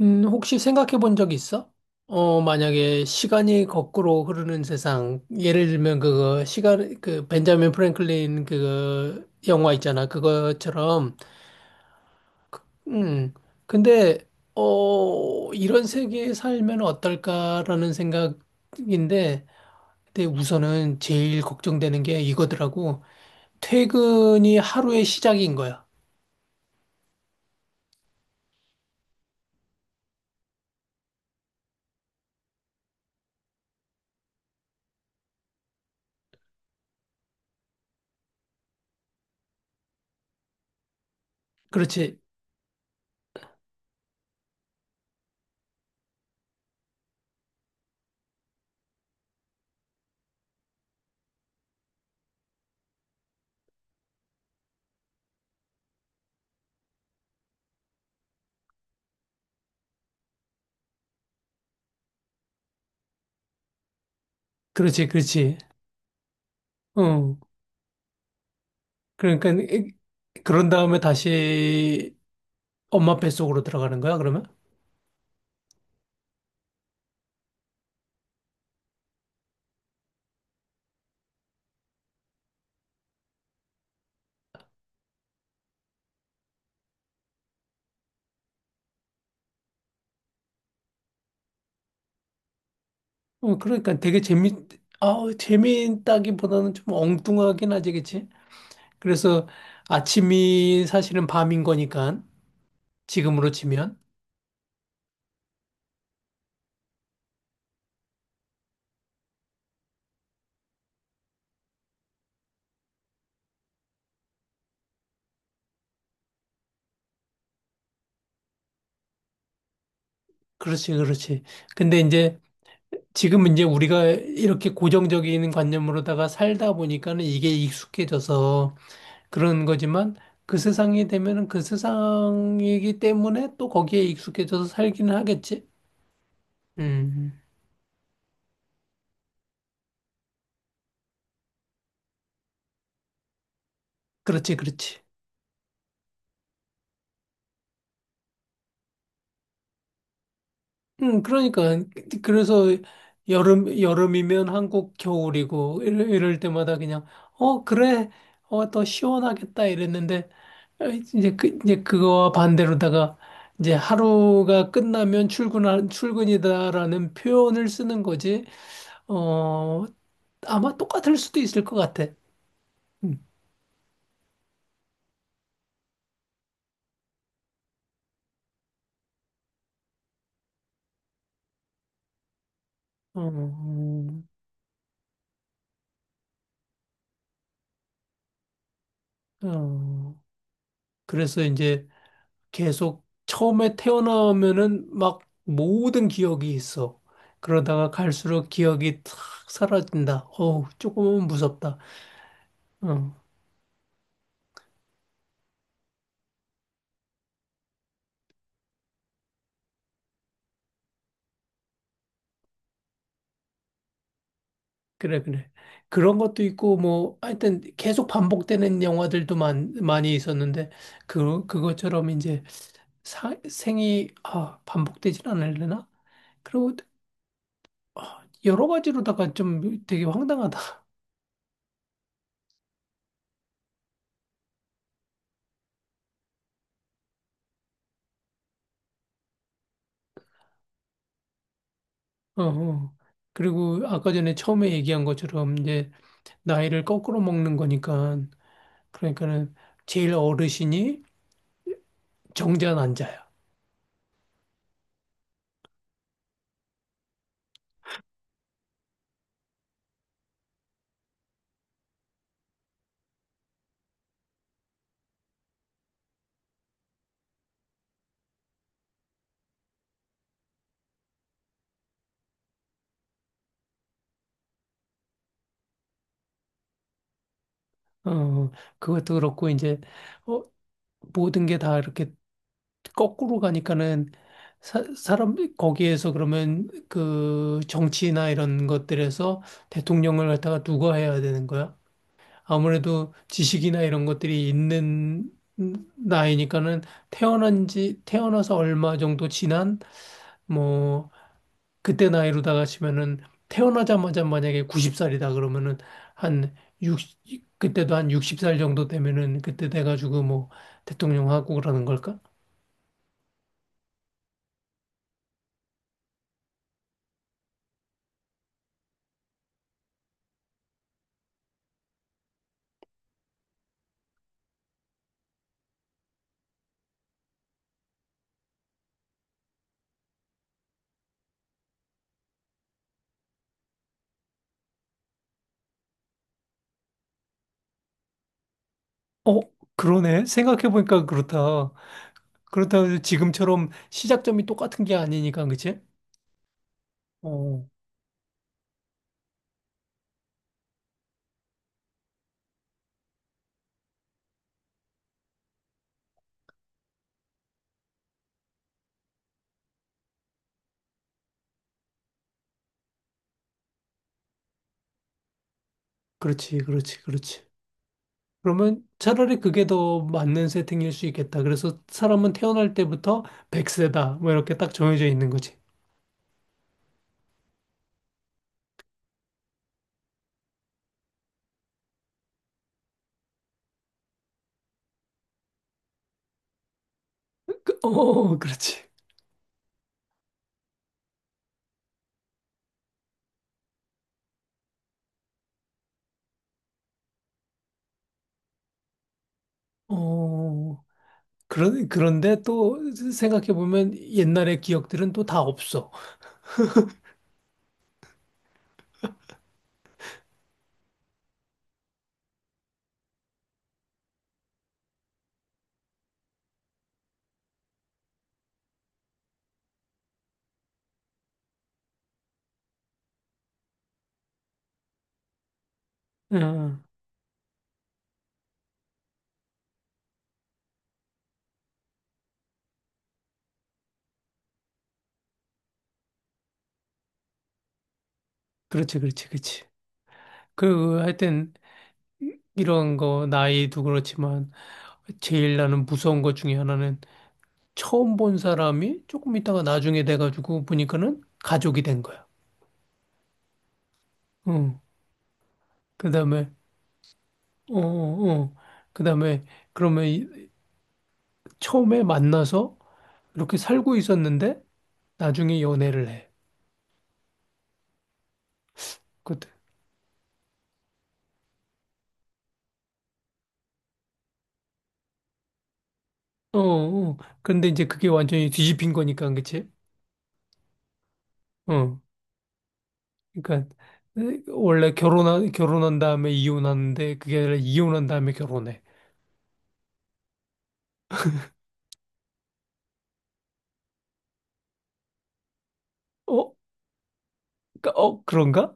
혹시 생각해 본 적 있어? 만약에 시간이 거꾸로 흐르는 세상, 예를 들면 그거, 시간, 그, 벤자민 프랭클린 그거, 영화 있잖아. 그거처럼, 음, 근데, 이런 세계에 살면 어떨까라는 생각인데, 근데 우선은 제일 걱정되는 게 이거더라고. 퇴근이 하루의 시작인 거야. 그렇지, 그렇지, 그렇지. 어, 그러니까, 그런 다음에 다시 엄마 뱃속으로 들어가는 거야, 그러면? 그러니까 되게 재미있다기보다는 좀 엉뚱하긴 하지, 그치? 그래서 아침이 사실은 밤인 거니까, 지금으로 치면. 그렇지, 그렇지. 근데 이제, 지금 이제 우리가 이렇게 고정적인 관념으로다가 살다 보니까는 이게 익숙해져서 그런 거지만, 그 세상이 되면은 그 세상이기 때문에 또 거기에 익숙해져서 살기는 하겠지? 음, 그렇지, 그렇지. 그러니까 그래서 여름 여름이면 한국 겨울이고 이럴 때마다 그냥 어 그래 어 더 시원하겠다 이랬는데 이제 그 이제 그거와 반대로다가 이제 하루가 끝나면 출근 출근이다라는 표현을 쓰는 거지 어 아마 똑같을 수도 있을 것 같아. 음. 어, 어, 그래서 이제 계속 처음에 태어나면은 막 모든 기억이 있어. 그러다가 갈수록 기억이 탁 사라진다. 어우, 조금은 무섭다. 어, 그래, 그래. 그런 것도 있고, 뭐, 하여튼 계속 반복되는 영화들도 많이 있었는데, 그것처럼 이제 생이, 반복되진 않으려나? 그리고 여러 가지로다가 좀 되게 황당하다. 어, 어. 그리고 아까 전에 처음에 얘기한 것처럼 이제 나이를 거꾸로 먹는 거니까 그러니까는 제일 어르신이 정전환자야. 어, 그것도 그렇고 이제 어, 모든 게 다 이렇게 거꾸로 가니까는 사람 거기에서 그러면 그 정치나 이런 것들에서 대통령을 갖다가 누가 해야 되는 거야? 아무래도 지식이나 이런 것들이 있는 나이니까는 태어난 지 태어나서 얼마 정도 지난 뭐 그때 나이로다가 치면은 태어나자마자 만약에 90살이다 그러면은 한 60, 그때도 한 60살 정도 되면은 그때 돼가지고 뭐 대통령 하고 그러는 걸까? 어, 그러네. 생각해보니까 그렇다. 그렇다고 해서 지금처럼 시작점이 똑같은 게 아니니까, 그치? 어, 그렇지, 그렇지, 그렇지. 그러면 차라리 그게 더 맞는 세팅일 수 있겠다. 그래서 사람은 태어날 때부터 100세다. 뭐 이렇게 딱 정해져 있는 거지. 그렇지. 어. 그런데 또 생각해 보면 옛날의 기억들은 또 다 없어. 응, 그렇지, 그렇지, 그렇지. 하여튼, 이런 거, 나이도 그렇지만, 제일 나는 무서운 것 중에 하나는 처음 본 사람이 조금 있다가 나중에 돼가지고 보니까는 가족이 된 거야. 응. 그 다음에, 어, 어, 어. 그 다음에, 그러면 처음에 만나서 이렇게 살고 있었는데, 나중에 연애를 해. 그것 어, 어. 근데 이제 그게 완전히 뒤집힌 거니까, 그치? 어, 그러니까 원래 결혼한 결혼한 다음에 이혼하는데 그게 아니라 이혼한 다음에 결혼해. 어, 그런가?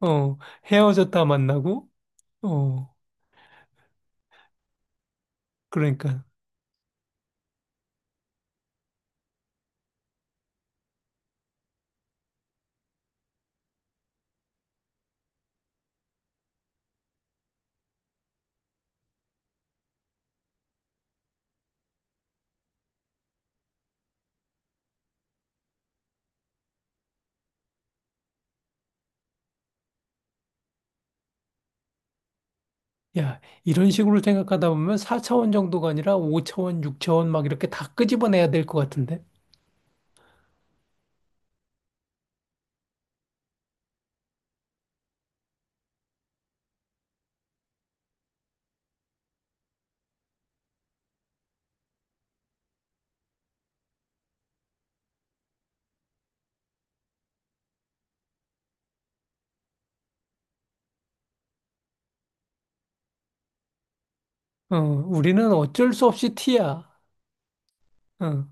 어, 헤어졌다 만나고. 어, 그러니까 야 이런 식으로 생각하다 보면 4차원 정도가 아니라 5차원, 6차원 막 이렇게 다 끄집어내야 될 것 같은데. 우리는 어쩔 수 없이 T야. 어,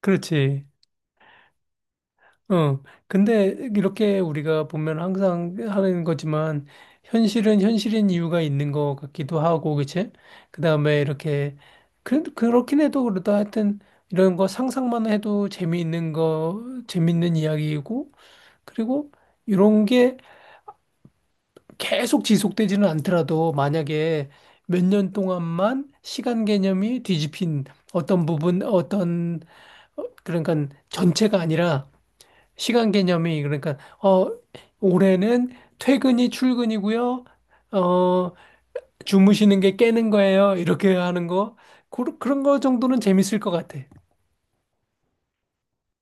그렇지. 어, 근데 이렇게 우리가 보면 항상 하는 거지만 현실은 현실인 이유가 있는 것 같기도 하고, 그치? 그다음에 이렇게 그렇긴 해도 그렇다 하여튼 이런 거 상상만 해도 재미있는 거 재밌는 이야기이고 그리고 이런 게 계속 지속되지는 않더라도 만약에 몇 년 동안만 시간 개념이 뒤집힌 어떤 부분 어떤 그러니까 전체가 아니라 시간 개념이 그러니까 어 올해는 퇴근이 출근이고요. 어 주무시는 게 깨는 거예요. 이렇게 하는 거 그, 런거 정도는 재밌을 것 같아.